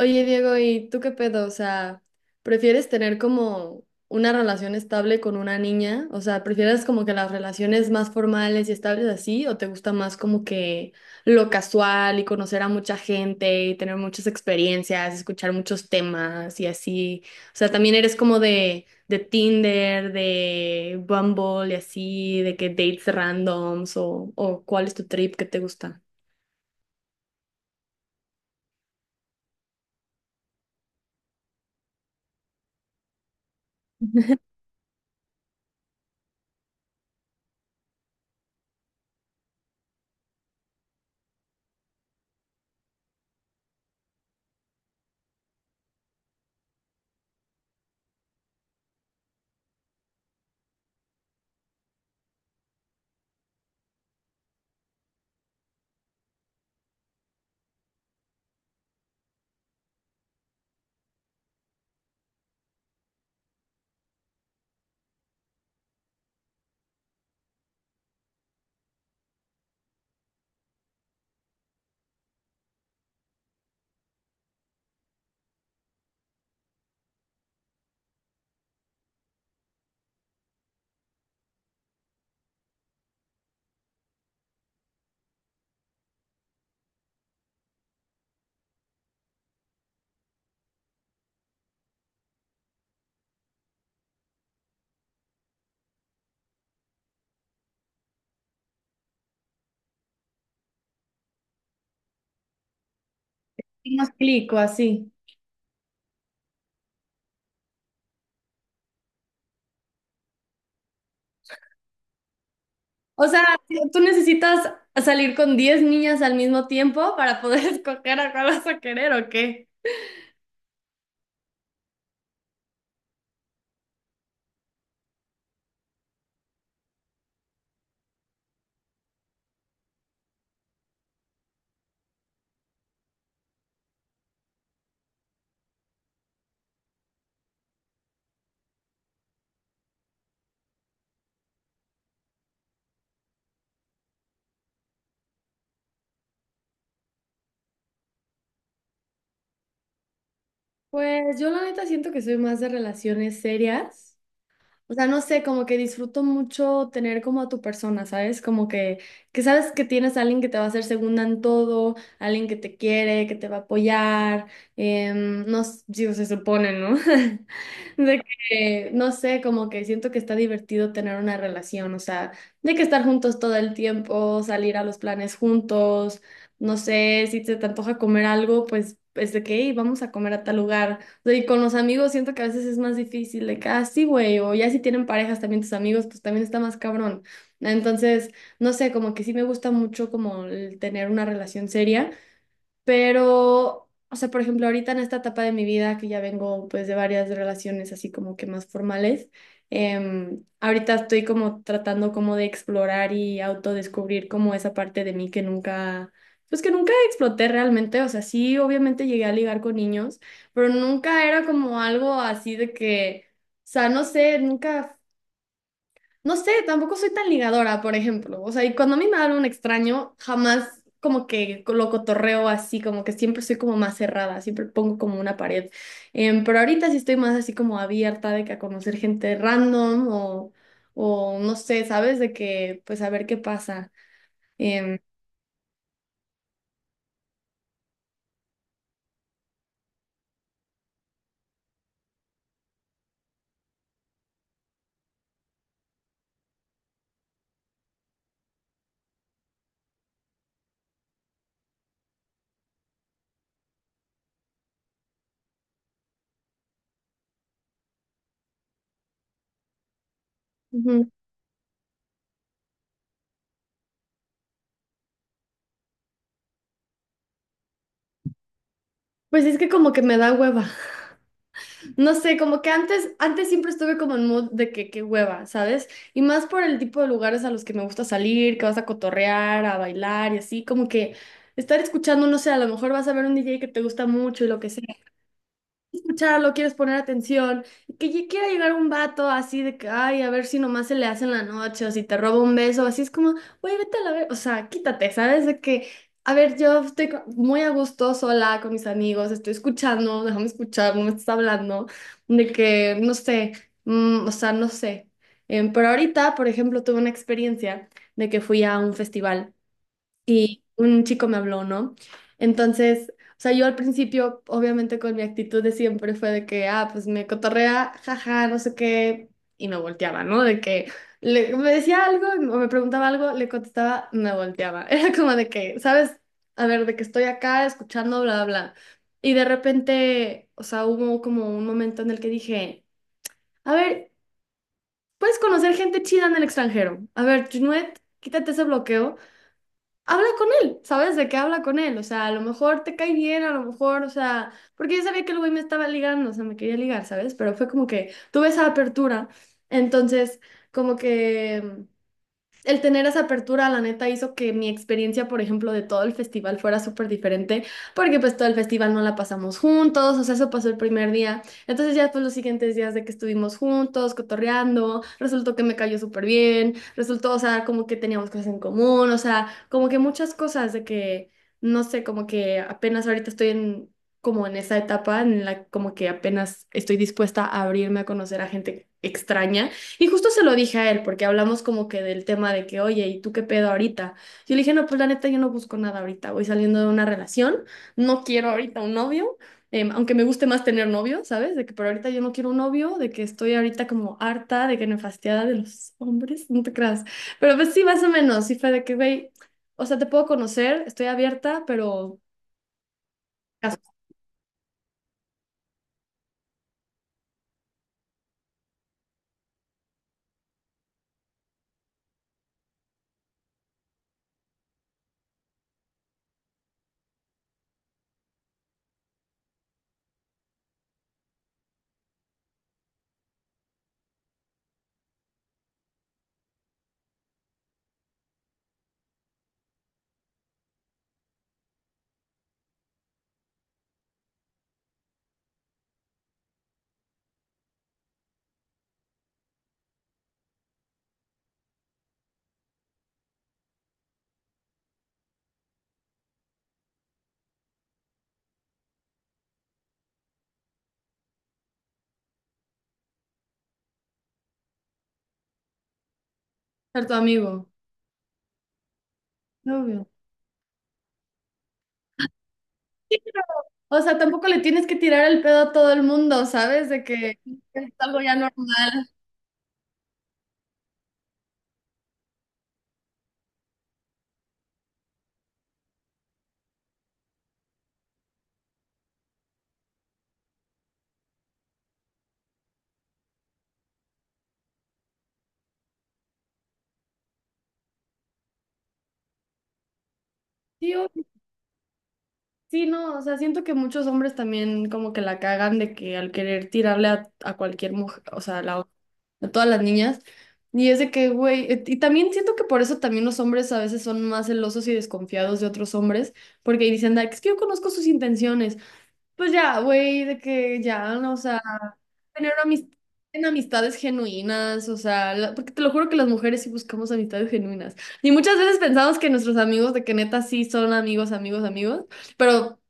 Oye, Diego, ¿y tú qué pedo? O sea, ¿prefieres tener como una relación estable con una niña? O sea, ¿prefieres como que las relaciones más formales y estables así? ¿O te gusta más como que lo casual y conocer a mucha gente y tener muchas experiencias, escuchar muchos temas y así? O sea, también eres como de Tinder, de Bumble y así, de que dates randoms o ¿cuál es tu trip que te gusta? Me explico así. O sea, si tú necesitas salir con 10 niñas al mismo tiempo para poder escoger a cuál vas a querer o qué. Pues yo la neta siento que soy más de relaciones serias. O sea, no sé, como que disfruto mucho tener como a tu persona, ¿sabes? Como que sabes que tienes a alguien que te va a hacer segunda en todo, alguien que te quiere, que te va a apoyar, no, s- digo, se supone, ¿no? De que, no sé, como que siento que está divertido tener una relación, o sea, de que estar juntos todo el tiempo, salir a los planes juntos, no sé, si se te antoja comer algo, pues es de que, "Ey, vamos a comer a tal lugar sea, y con los amigos siento que a veces es más difícil de que, ah, sí, güey, o ya si tienen parejas también tus amigos, pues también está más cabrón. Entonces, no sé, como que sí me gusta mucho como el tener una relación seria. Pero, o sea, por ejemplo, ahorita en esta etapa de mi vida, que ya vengo pues de varias relaciones así como que más formales, ahorita estoy como tratando como de explorar y autodescubrir como esa parte de mí que nunca, pues que nunca exploté realmente, o sea, sí, obviamente llegué a ligar con niños, pero nunca era como algo así de que, o sea, no sé, nunca... No sé, tampoco soy tan ligadora, por ejemplo. O sea, y cuando a mí me habla un extraño, jamás como que lo cotorreo así, como que siempre soy como más cerrada, siempre pongo como una pared. Pero ahorita sí estoy más así como abierta de que a conocer gente random o no sé, ¿sabes? De que pues a ver qué pasa. Em, Ujú. Pues es que como que me da hueva. No sé, como que antes siempre estuve como en mood de que qué hueva, ¿sabes? Y más por el tipo de lugares a los que me gusta salir, que vas a cotorrear, a bailar y así, como que estar escuchando, no sé, a lo mejor vas a ver un DJ que te gusta mucho y lo que sea escucharlo, quieres poner atención, y que ya quiera llegar un vato así de que, ay, a ver si nomás se le hace en la noche o si te roba un beso, así es como, güey, vete a la ver, o sea, quítate, ¿sabes? De que, a ver, yo estoy co- muy a gusto sola con mis amigos, estoy escuchando, déjame escuchar, no me estás hablando, de que, no sé, o sea, no sé. Pero ahorita, por ejemplo, tuve una experiencia de que fui a un festival. Y un chico me habló, ¿no? Entonces, o sea, yo al principio, obviamente con mi actitud de siempre fue de que, ah, pues me cotorrea, jaja, no sé qué, y me volteaba, ¿no? De que le- me decía algo o me preguntaba algo, le contestaba, me volteaba. Era como de que, ¿sabes? A ver, de que estoy acá escuchando, bla, bla. Bla. Y de repente, o sea, hubo como un momento en el que dije, a ver, puedes conocer gente chida en el extranjero. A ver, Junuet, quítate ese bloqueo habla con él, ¿sabes? De qué habla con él, o sea, a lo mejor te cae bien, a lo mejor, o sea, porque yo sabía que el güey me estaba ligando, o sea, me quería ligar, ¿sabes? Pero fue como que tuve esa apertura, entonces, como que... El tener esa apertura, la neta, hizo que mi experiencia, por ejemplo, de todo el festival fuera súper diferente, porque pues todo el festival no la pasamos juntos, o sea, eso pasó el primer día. Entonces ya pues los siguientes días de que estuvimos juntos, cotorreando, resultó que me cayó súper bien, resultó, o sea, como que teníamos cosas en común, o sea, como que muchas cosas de que, no sé, como que apenas ahorita estoy en, como en esa etapa en la como que apenas estoy dispuesta a abrirme a conocer a gente extraña. Y justo se lo dije a él, porque hablamos como que del tema de que, oye, ¿y tú qué pedo ahorita? Yo le dije, no, pues la neta, yo no busco nada ahorita, voy saliendo de una relación, no quiero ahorita un novio, aunque me guste más tener novio, ¿sabes? De que, pero ahorita yo no quiero un novio, de que estoy ahorita como harta, de que me nefastiada de los hombres, no te creas. Pero pues sí, más o menos, sí fue de que, güey, o sea, te puedo conocer, estoy abierta, pero caso ser tu amigo, novio. Sí, pero, o sea, tampoco le tienes que tirar el pedo a todo el mundo, ¿sabes? De que es algo ya normal. Sí, o- sí, no, o sea, siento que muchos hombres también como que la cagan de que al querer tirarle a cualquier mujer, o sea, a, la- a todas las niñas, y es de que, güey, y también siento que por eso también los hombres a veces son más celosos y desconfiados de otros hombres, porque dicen, "Ay, es que yo conozco sus intenciones, pues ya, güey, de que ya, no, o sea, tener amis- en amistades genuinas, o sea, la- porque te lo juro que las mujeres sí buscamos amistades genuinas. Y muchas veces pensamos que nuestros amigos, de que neta sí son amigos, pero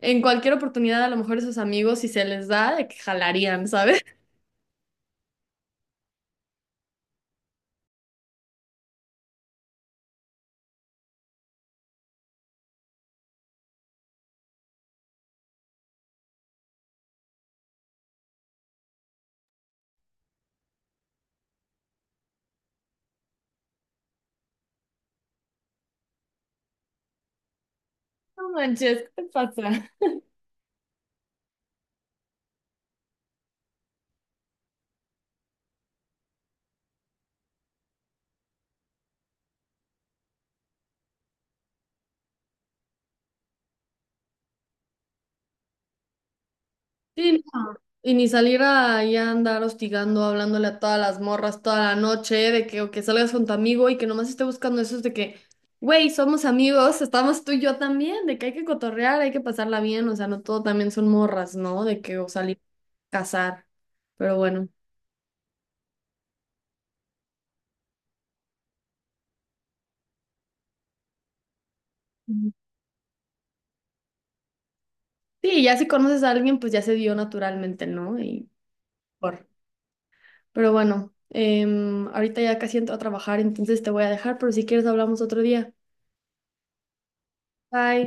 en cualquier oportunidad a lo mejor esos amigos, si se les da, de que jalarían, ¿sabes? No manches, ¿qué te pasa? Sí, no. Y ni salir ahí a andar hostigando, hablándole a todas las morras toda la noche, de que, o que salgas con tu amigo y que nomás esté buscando eso, es de que, güey, somos amigos, estamos tú y yo también, de que hay que cotorrear, hay que pasarla bien, o sea, no todo también son morras, ¿no? De que o salir a cazar, pero bueno. Ujú. Sí, ya si conoces a alguien, pues ya se dio naturalmente, ¿no? Y por. Pero bueno, ahorita ya casi entro a trabajar, entonces te voy a dejar, pero si quieres hablamos otro día. Bye.